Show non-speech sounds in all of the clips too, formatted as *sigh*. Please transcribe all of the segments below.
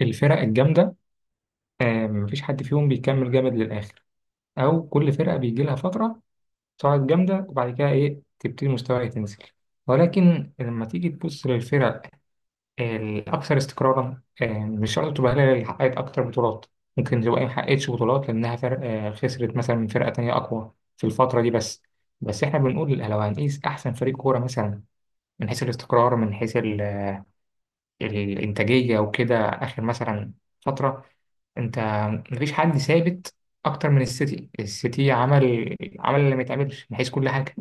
الفرق الجامدة، مفيش حد فيهم بيكمل جامد للآخر، أو كل فرقة بيجي لها فترة صاعد جامدة وبعد كده تبتدي مستواها تنزل. ولكن لما تيجي تبص للفرق الأكثر استقرارا، مش شرط تبقى هي اللي حققت أكتر بطولات. ممكن تبقى هي ما حققتش بطولات لأنها فرق خسرت مثلا من فرقة تانية أقوى في الفترة دي. بس إحنا بنقول لو هنقيس أحسن فريق كورة مثلا، من حيث الاستقرار، من حيث الإنتاجية وكده. آخر مثلا فترة انت مفيش حد ثابت اكتر من السيتي عمل اللي ما يتعملش من حيث كل حاجه،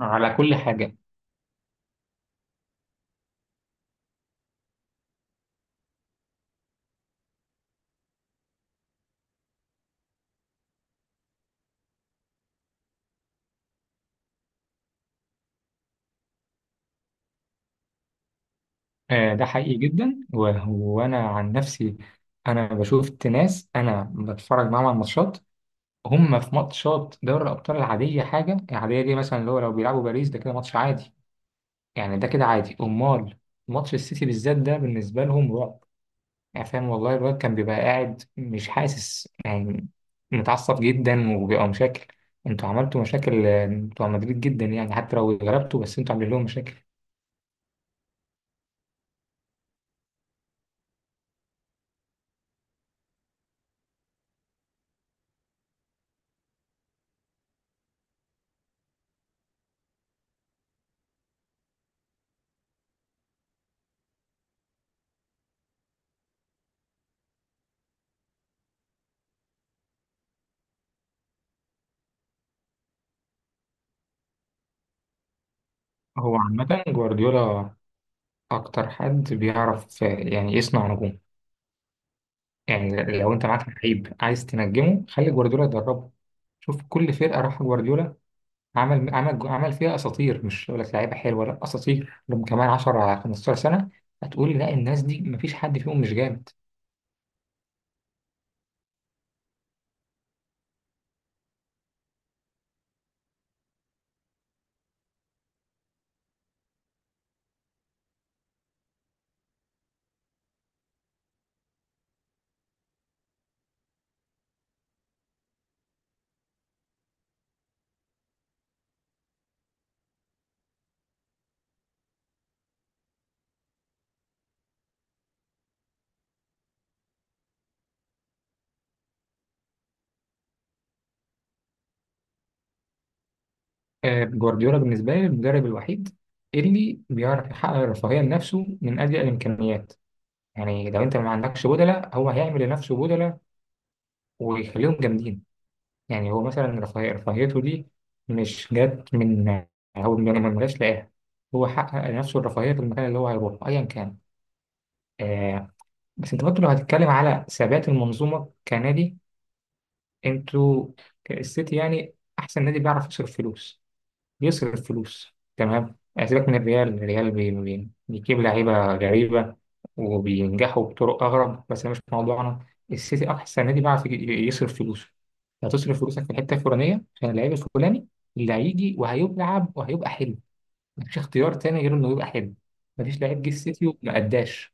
على كل حاجه. آه، ده حقيقي جدا وانا عن نفسي، انا بشوف ناس انا بتفرج معاهم على الماتشات، هم في ماتشات دوري الابطال العاديه، حاجه العاديه دي مثلا اللي هو لو بيلعبوا باريس ده كده ماتش عادي، يعني ده كده عادي. امال ماتش السيتي بالذات ده بالنسبه لهم رعب. يعني فاهم، والله الواد كان بيبقى قاعد مش حاسس، يعني متعصب جدا وبيبقى مشاكل. انتوا عملتوا مشاكل، بتوع مدريد جدا، يعني حتى لو غلبتوا بس انتوا عاملين لهم مشاكل. هو عامة جوارديولا أكتر حد بيعرف، يعني يصنع نجوم. يعني لو أنت معاك لعيب عايز تنجمه خلي جوارديولا يدربه. شوف كل فرقة راح جوارديولا عمل فيها أساطير. مش أقول لك لعيبة حلوة، لا أساطير لهم كمان 10 15 سنة. هتقول لا، الناس دي مفيش حد فيهم مش جامد. آه، جوارديولا بالنسبة لي المدرب الوحيد اللي بيعرف يحقق الرفاهية لنفسه من أجل الإمكانيات. يعني لو أنت ما عندكش بدلة هو هيعمل لنفسه بدلة ويخليهم جامدين. يعني هو مثلا رفاهية، رفاهيته دي مش جت من، هو من ما جاش لاقاها، هو حقق لنفسه الرفاهية في المكان اللي هو هيروحه أيا كان. آه، بس أنت برضه لو هتتكلم على ثبات المنظومة كنادي، أنتوا السيتي يعني أحسن نادي بيعرف يصرف فلوس. بيصرف فلوس تمام. سيبك من الريال، الريال بي بي بيجيب لعيبة غريبة وبينجحوا بطرق أغرب، بس ده مش موضوعنا. السيتي أحسن نادي بيعرف يصرف فلوسه. هتصرف فلوسك في الحتة الفلانية عشان اللعيب الفلاني اللي هيجي وهيلعب وهيبقى حلو. مفيش اختيار تاني غير إنه يبقى حلو. مفيش لعيب جه السيتي وما أداش.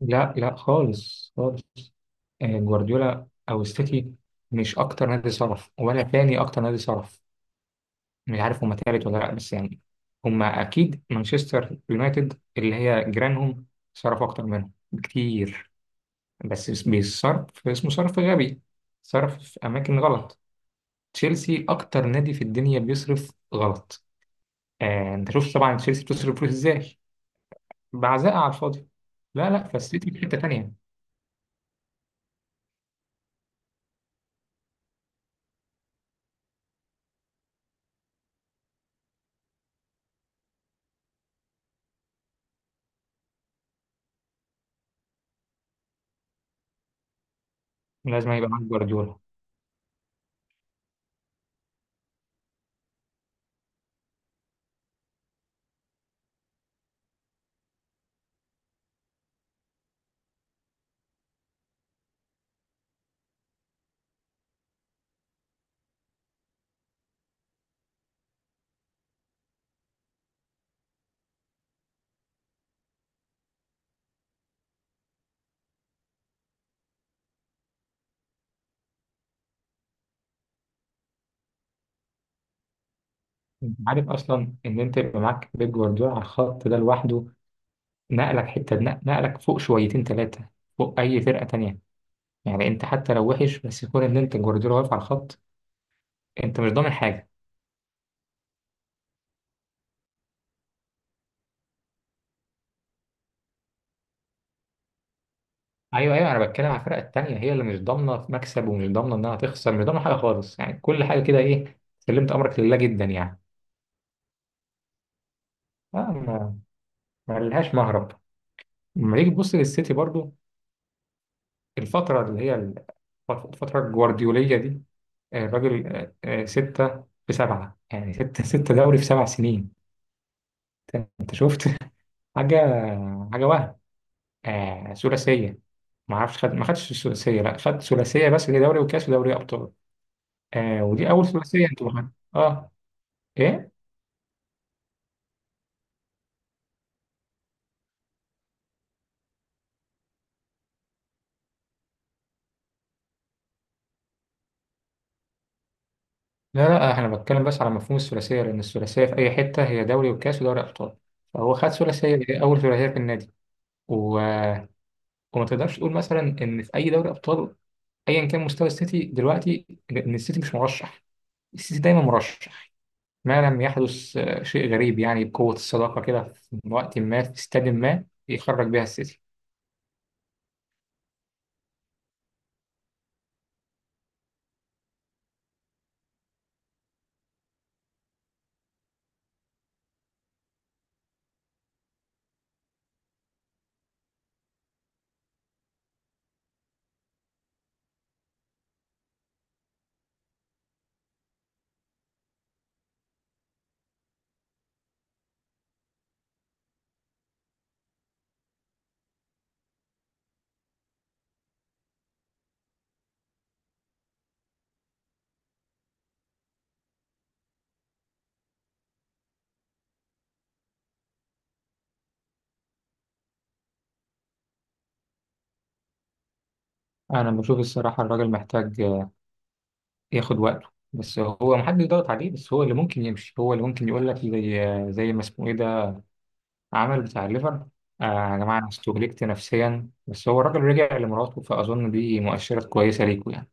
لا لا، خالص خالص. آه، جوارديولا أو السيتي مش أكتر نادي صرف، ولا تاني أكتر نادي صرف، مش عارف هما تالت ولا لأ، بس يعني هما أكيد. مانشستر يونايتد اللي هي جيرانهم صرف أكتر منهم بكتير، بس بيصرف، اسمه صرف غبي، صرف في أماكن غلط. تشيلسي أكتر نادي في الدنيا بيصرف غلط. آه أنت شفت طبعا تشيلسي بتصرف فلوس إزاي، بعزاء على الفاضي. لا لا، فالسيتي في حتة تانية. لازم يبقى معاك جوارديولا. أنت عارف أصلا إن أنت يبقى معاك بيب جوارديولا على الخط ده لوحده، نقلك حتة، نقلك فوق شويتين تلاتة فوق أي فرقة تانية. يعني انت حتى لو وحش بس يكون ان انت جوارديولا واقف على الخط، انت مش ضامن حاجه. ايوه ايوه، انا بتكلم على الفرق التانيه هي اللي مش ضامنه مكسب ومش ضامنه انها تخسر، مش ضامنه حاجه خالص، يعني كل حاجه كده، ايه، سلمت امرك لله جدا يعني. آه، ما ما لهاش مهرب. لما نيجي تبص للسيتي برضو، الفتره اللي هي الفتره الجوارديوليه دي، آه، الراجل ستة في سبعة، يعني ستة دوري في سبع سنين. أنت شفت *laughs* حاجة، حاجة وهم. آه ثلاثية، ما اعرفش خد، ما خدش الثلاثيه، لا خد ثلاثيه بس اللي هي دوري وكاس ودوري ابطال. آه، ودي اول ثلاثيه انتوا معانا. اه، ايه، لا لا، انا بتكلم بس على مفهوم الثلاثيه، لان الثلاثيه في اي حته هي دوري وكاس ودوري ابطال، فهو خد ثلاثيه، دي اول ثلاثيه في النادي. و... وما تقدرش تقول مثلا ان في اي دوري ابطال، ايا كان مستوى السيتي دلوقتي، ان السيتي مش مرشح. السيتي دايما مرشح، ما لم يحدث، آه، شيء غريب، يعني بقوه الصداقه كده في وقت ما في استاد ما، يخرج بيها السيتي. انا بشوف الصراحه الراجل محتاج ياخد وقته، بس هو محدش ضغط عليه، بس هو اللي ممكن يمشي، هو اللي ممكن يقول لك زي زي ما اسمه ايه ده، عمل بتاع الليفر. آه. يا جماعه، انا استهلكت نفسيا، بس هو الراجل رجع لمراته فاظن دي مؤشرات كويسه ليكوا يعني.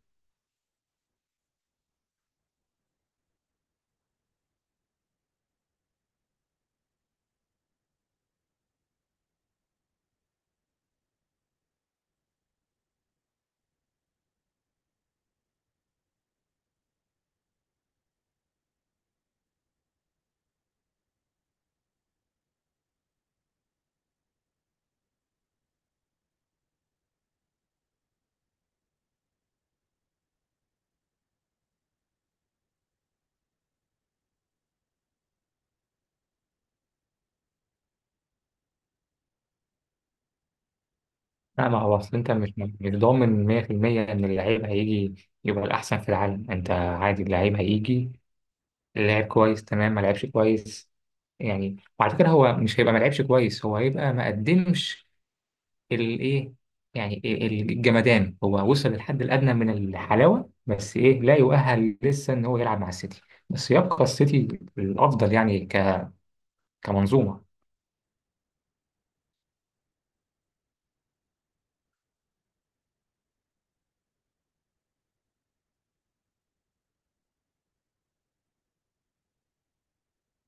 لا، ما هو اصل انت مش ضامن 100% ان اللعيب هيجي، يبقى الاحسن في العالم، انت عادي اللعيب هيجي لعب كويس تمام، ما لعبش كويس. يعني وعلى فكره هو مش هيبقى ما لعبش كويس، هو هيبقى ما قدمش الايه، يعني الجمدان هو وصل للحد الادنى من الحلاوه، بس ايه، لا يؤهل لسه ان هو يلعب مع السيتي. بس يبقى السيتي الافضل، يعني كمنظومه.